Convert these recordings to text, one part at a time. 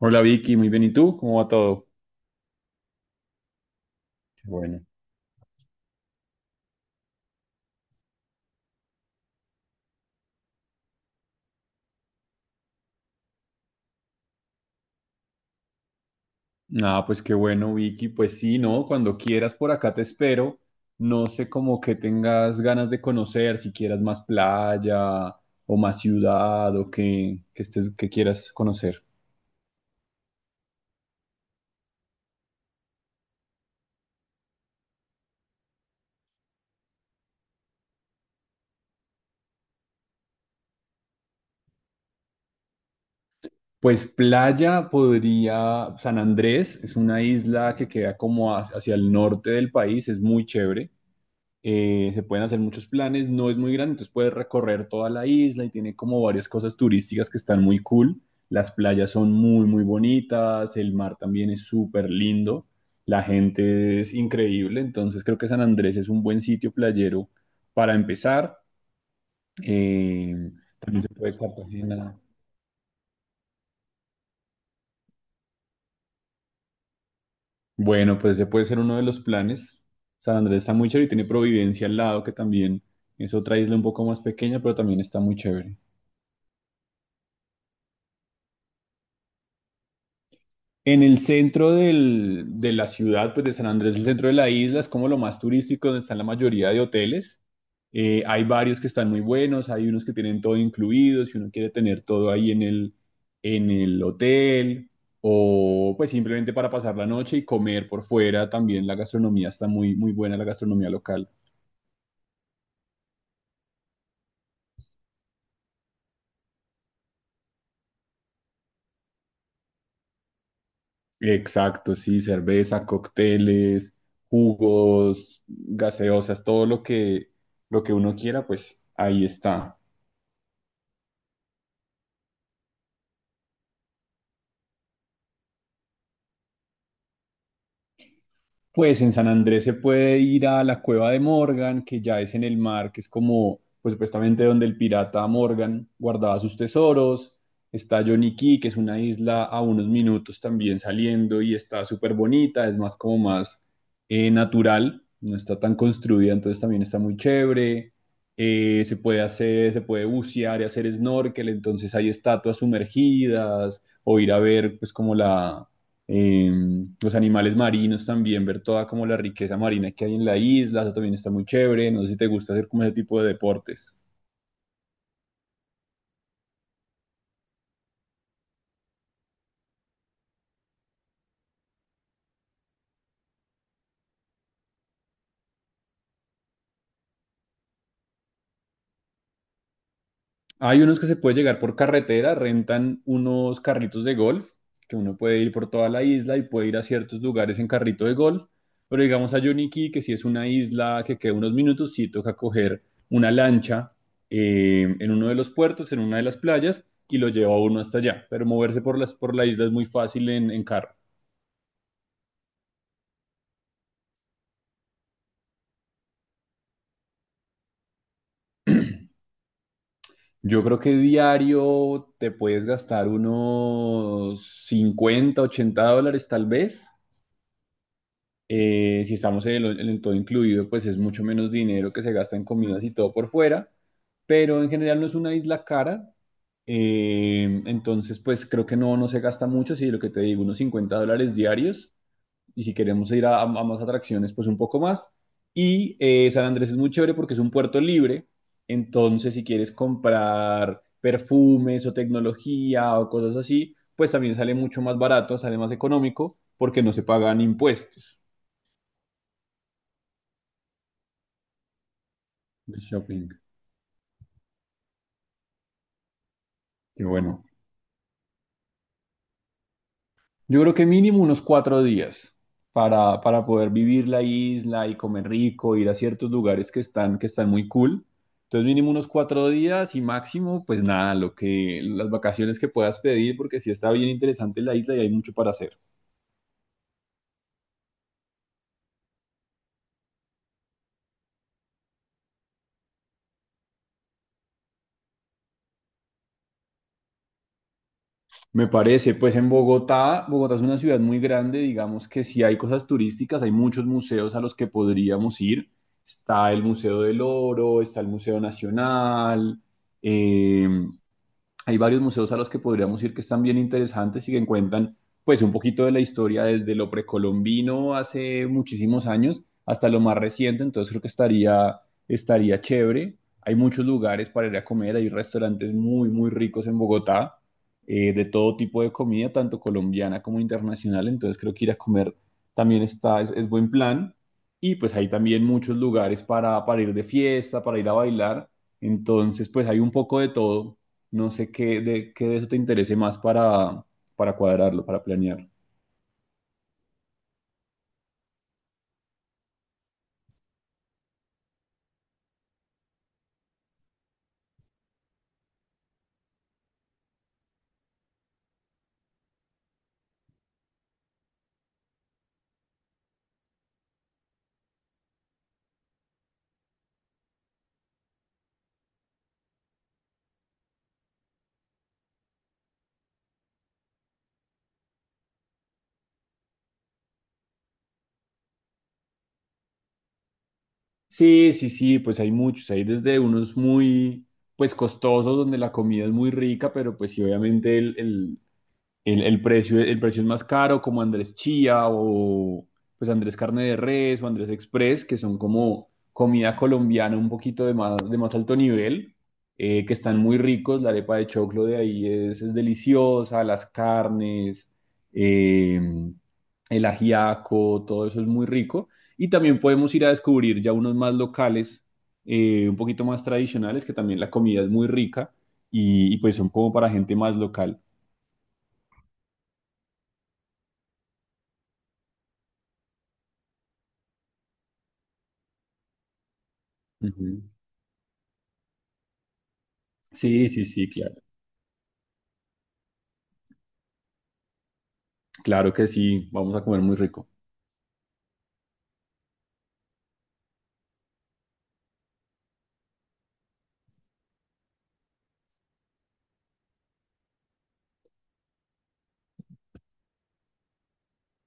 Hola Vicky, muy bien. ¿Y tú? ¿Cómo va todo? Qué bueno. Nada, pues qué bueno Vicky. Pues sí, ¿no? Cuando quieras por acá te espero. No sé como que tengas ganas de conocer, si quieras más playa o más ciudad o que estés, que quieras conocer. Pues playa podría, San Andrés es una isla que queda como hacia el norte del país, es muy chévere. Se pueden hacer muchos planes, no es muy grande, entonces puedes recorrer toda la isla y tiene como varias cosas turísticas que están muy cool. Las playas son muy, muy bonitas, el mar también es súper lindo, la gente es increíble, entonces creo que San Andrés es un buen sitio playero para empezar. Eh, También se puede Cartagena. Bueno, pues ese puede ser uno de los planes. San Andrés está muy chévere y tiene Providencia al lado, que también es otra isla un poco más pequeña, pero también está muy chévere. En el de la ciudad, pues de San Andrés, el centro de la isla, es como lo más turístico, donde están la mayoría de hoteles. Hay varios que están muy buenos, hay unos que tienen todo incluido, si uno quiere tener todo ahí en el hotel, o pues simplemente para pasar la noche y comer por fuera, también la gastronomía está muy, muy buena, la gastronomía local. Exacto, sí, cerveza, cócteles, jugos, gaseosas, lo que uno quiera, pues ahí está. Pues en San Andrés se puede ir a la cueva de Morgan, que ya es en el mar, que es como, pues supuestamente donde el pirata Morgan guardaba sus tesoros. Está Johnny Cay, que es una isla a unos minutos también saliendo y está súper bonita, es más natural, no está tan construida, entonces también está muy chévere. Se puede bucear y hacer snorkel, entonces hay estatuas sumergidas o ir a ver pues como la eh, los animales marinos también, ver toda como la riqueza marina que hay en la isla, eso también está muy chévere, no sé si te gusta hacer como ese tipo de deportes. Hay unos que se puede llegar por carretera, rentan unos carritos de golf, que uno puede ir por toda la isla y puede ir a ciertos lugares en carrito de golf, pero digamos a Yoniki, que si es una isla que queda unos minutos, sí toca coger una lancha en uno de los puertos, en una de las playas, y lo lleva uno hasta allá, pero moverse por la isla es muy fácil en carro. Yo creo que diario te puedes gastar unos 50 80 dólares tal vez. Si estamos en el todo incluido, pues es mucho menos dinero que se gasta en comidas y todo por fuera. Pero en general no es una isla cara. Entonces, pues creo que no, no se gasta mucho. Si lo que te digo, unos 50 dólares diarios y si queremos ir a más atracciones, pues un poco más. Y San Andrés es muy chévere porque es un puerto libre, entonces si quieres comprar perfumes o tecnología o cosas así, pues también sale mucho más barato, sale más económico porque no se pagan impuestos de shopping. Qué bueno. Yo creo que mínimo unos 4 días para poder vivir la isla y comer rico, ir a ciertos lugares que están muy cool. Entonces mínimo unos 4 días y máximo, pues nada, lo que, las vacaciones que puedas pedir, porque sí está bien interesante la isla y hay mucho para hacer. Me parece, pues en Bogotá, Bogotá es una ciudad muy grande, digamos que sí hay cosas turísticas, hay muchos museos a los que podríamos ir. Está el Museo del Oro, está el Museo Nacional, eh, hay varios museos a los que podríamos ir que están bien interesantes y que cuentan pues un poquito de la historia desde lo precolombino hace muchísimos años hasta lo más reciente, entonces creo que estaría chévere. Hay muchos lugares para ir a comer, hay restaurantes muy, muy ricos en Bogotá, de todo tipo de comida, tanto colombiana como internacional, entonces creo que ir a comer también es buen plan. Y pues hay también muchos lugares para ir de fiesta, para ir a bailar, entonces pues hay un poco de todo. No sé qué de eso te interese más para cuadrarlo, para planear. Sí, sí, sí, pues hay muchos, hay desde unos muy, pues costosos, donde la comida es muy rica, pero pues sí, obviamente el precio es más caro, como Andrés Chía o pues Andrés Carne de Res o Andrés Express, que son como comida colombiana un poquito de de más alto nivel, que están muy ricos, la arepa de choclo de ahí es deliciosa, las carnes, eh, el ajiaco, todo eso es muy rico. Y también podemos ir a descubrir ya unos más locales, un poquito más tradicionales, que también la comida es muy rica y pues son como para gente más local. Ujú. Sí, sí, sí, claro. Claro que sí, vamos a comer muy rico.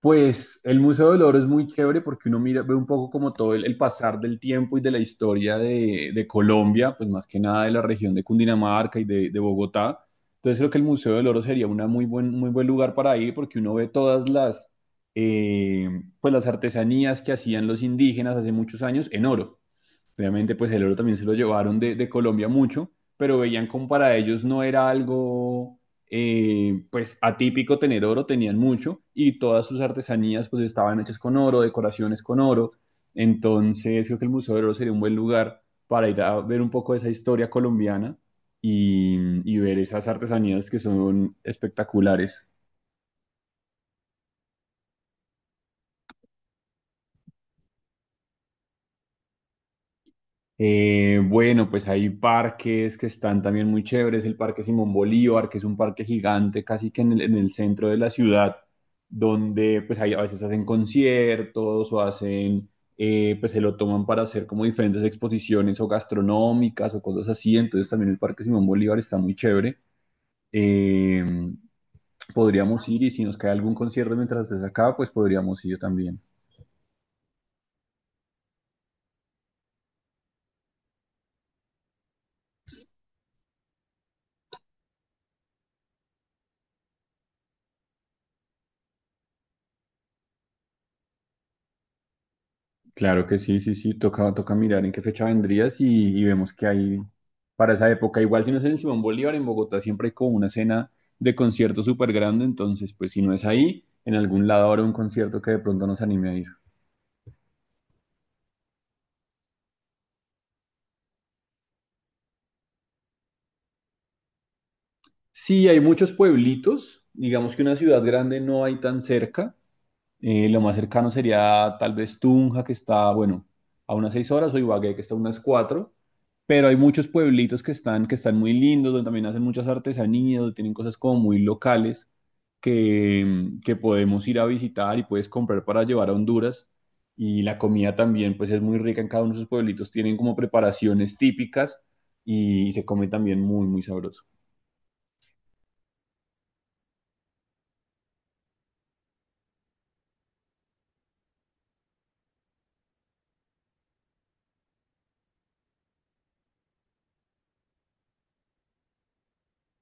Pues el Museo del Oro es muy chévere porque uno mira, ve un poco como todo el pasar del tiempo y de la historia de Colombia, pues más que nada de la región de Cundinamarca y de Bogotá. Entonces creo que el Museo del Oro sería una muy buen lugar para ir porque uno ve todas eh, pues las artesanías que hacían los indígenas hace muchos años en oro. Obviamente, pues el oro también se lo llevaron de Colombia mucho, pero veían como para ellos no era algo, pues atípico tener oro, tenían mucho y todas sus artesanías pues estaban hechas con oro, decoraciones con oro. Entonces, creo que el Museo del Oro sería un buen lugar para ir a ver un poco de esa historia colombiana y, y ver esas artesanías que son espectaculares. Bueno, pues hay parques que están también muy chéveres. El Parque Simón Bolívar, que es un parque gigante casi que en el centro de la ciudad, donde pues hay, a veces hacen conciertos o pues se lo toman para hacer como diferentes exposiciones o gastronómicas o cosas así. Entonces también el Parque Simón Bolívar está muy chévere. Eh, podríamos ir y si nos cae algún concierto mientras estés acá, pues podríamos ir también. Claro que sí, sí, sí, toca, toca mirar en qué fecha y vemos que hay para esa época. Igual si no es en el Simón Bolívar, en Bogotá siempre hay como una escena de concierto súper grande, entonces pues si no es ahí, en algún lado habrá un concierto que de pronto nos anime a ir. Sí, hay muchos pueblitos, digamos que una ciudad grande no hay tan cerca. Lo más cercano sería tal vez Tunja, que está, bueno, a unas 6 horas, o Ibagué, que está a unas 4. Pero hay muchos pueblitos que están muy lindos, donde también hacen muchas artesanías, donde tienen cosas como muy locales que podemos ir a visitar y puedes comprar para llevar a Honduras. Y la comida también, pues es muy rica en cada uno de sus pueblitos. Tienen como preparaciones típicas y se come también muy, muy sabroso.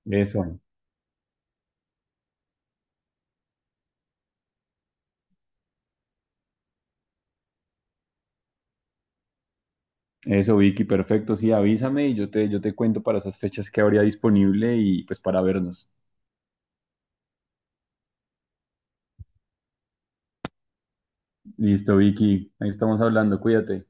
Eso. Eso, Vicky, perfecto. Sí, avísame y yo te cuento para esas fechas que habría disponible y pues para vernos. Listo, Vicky, ahí estamos hablando, cuídate.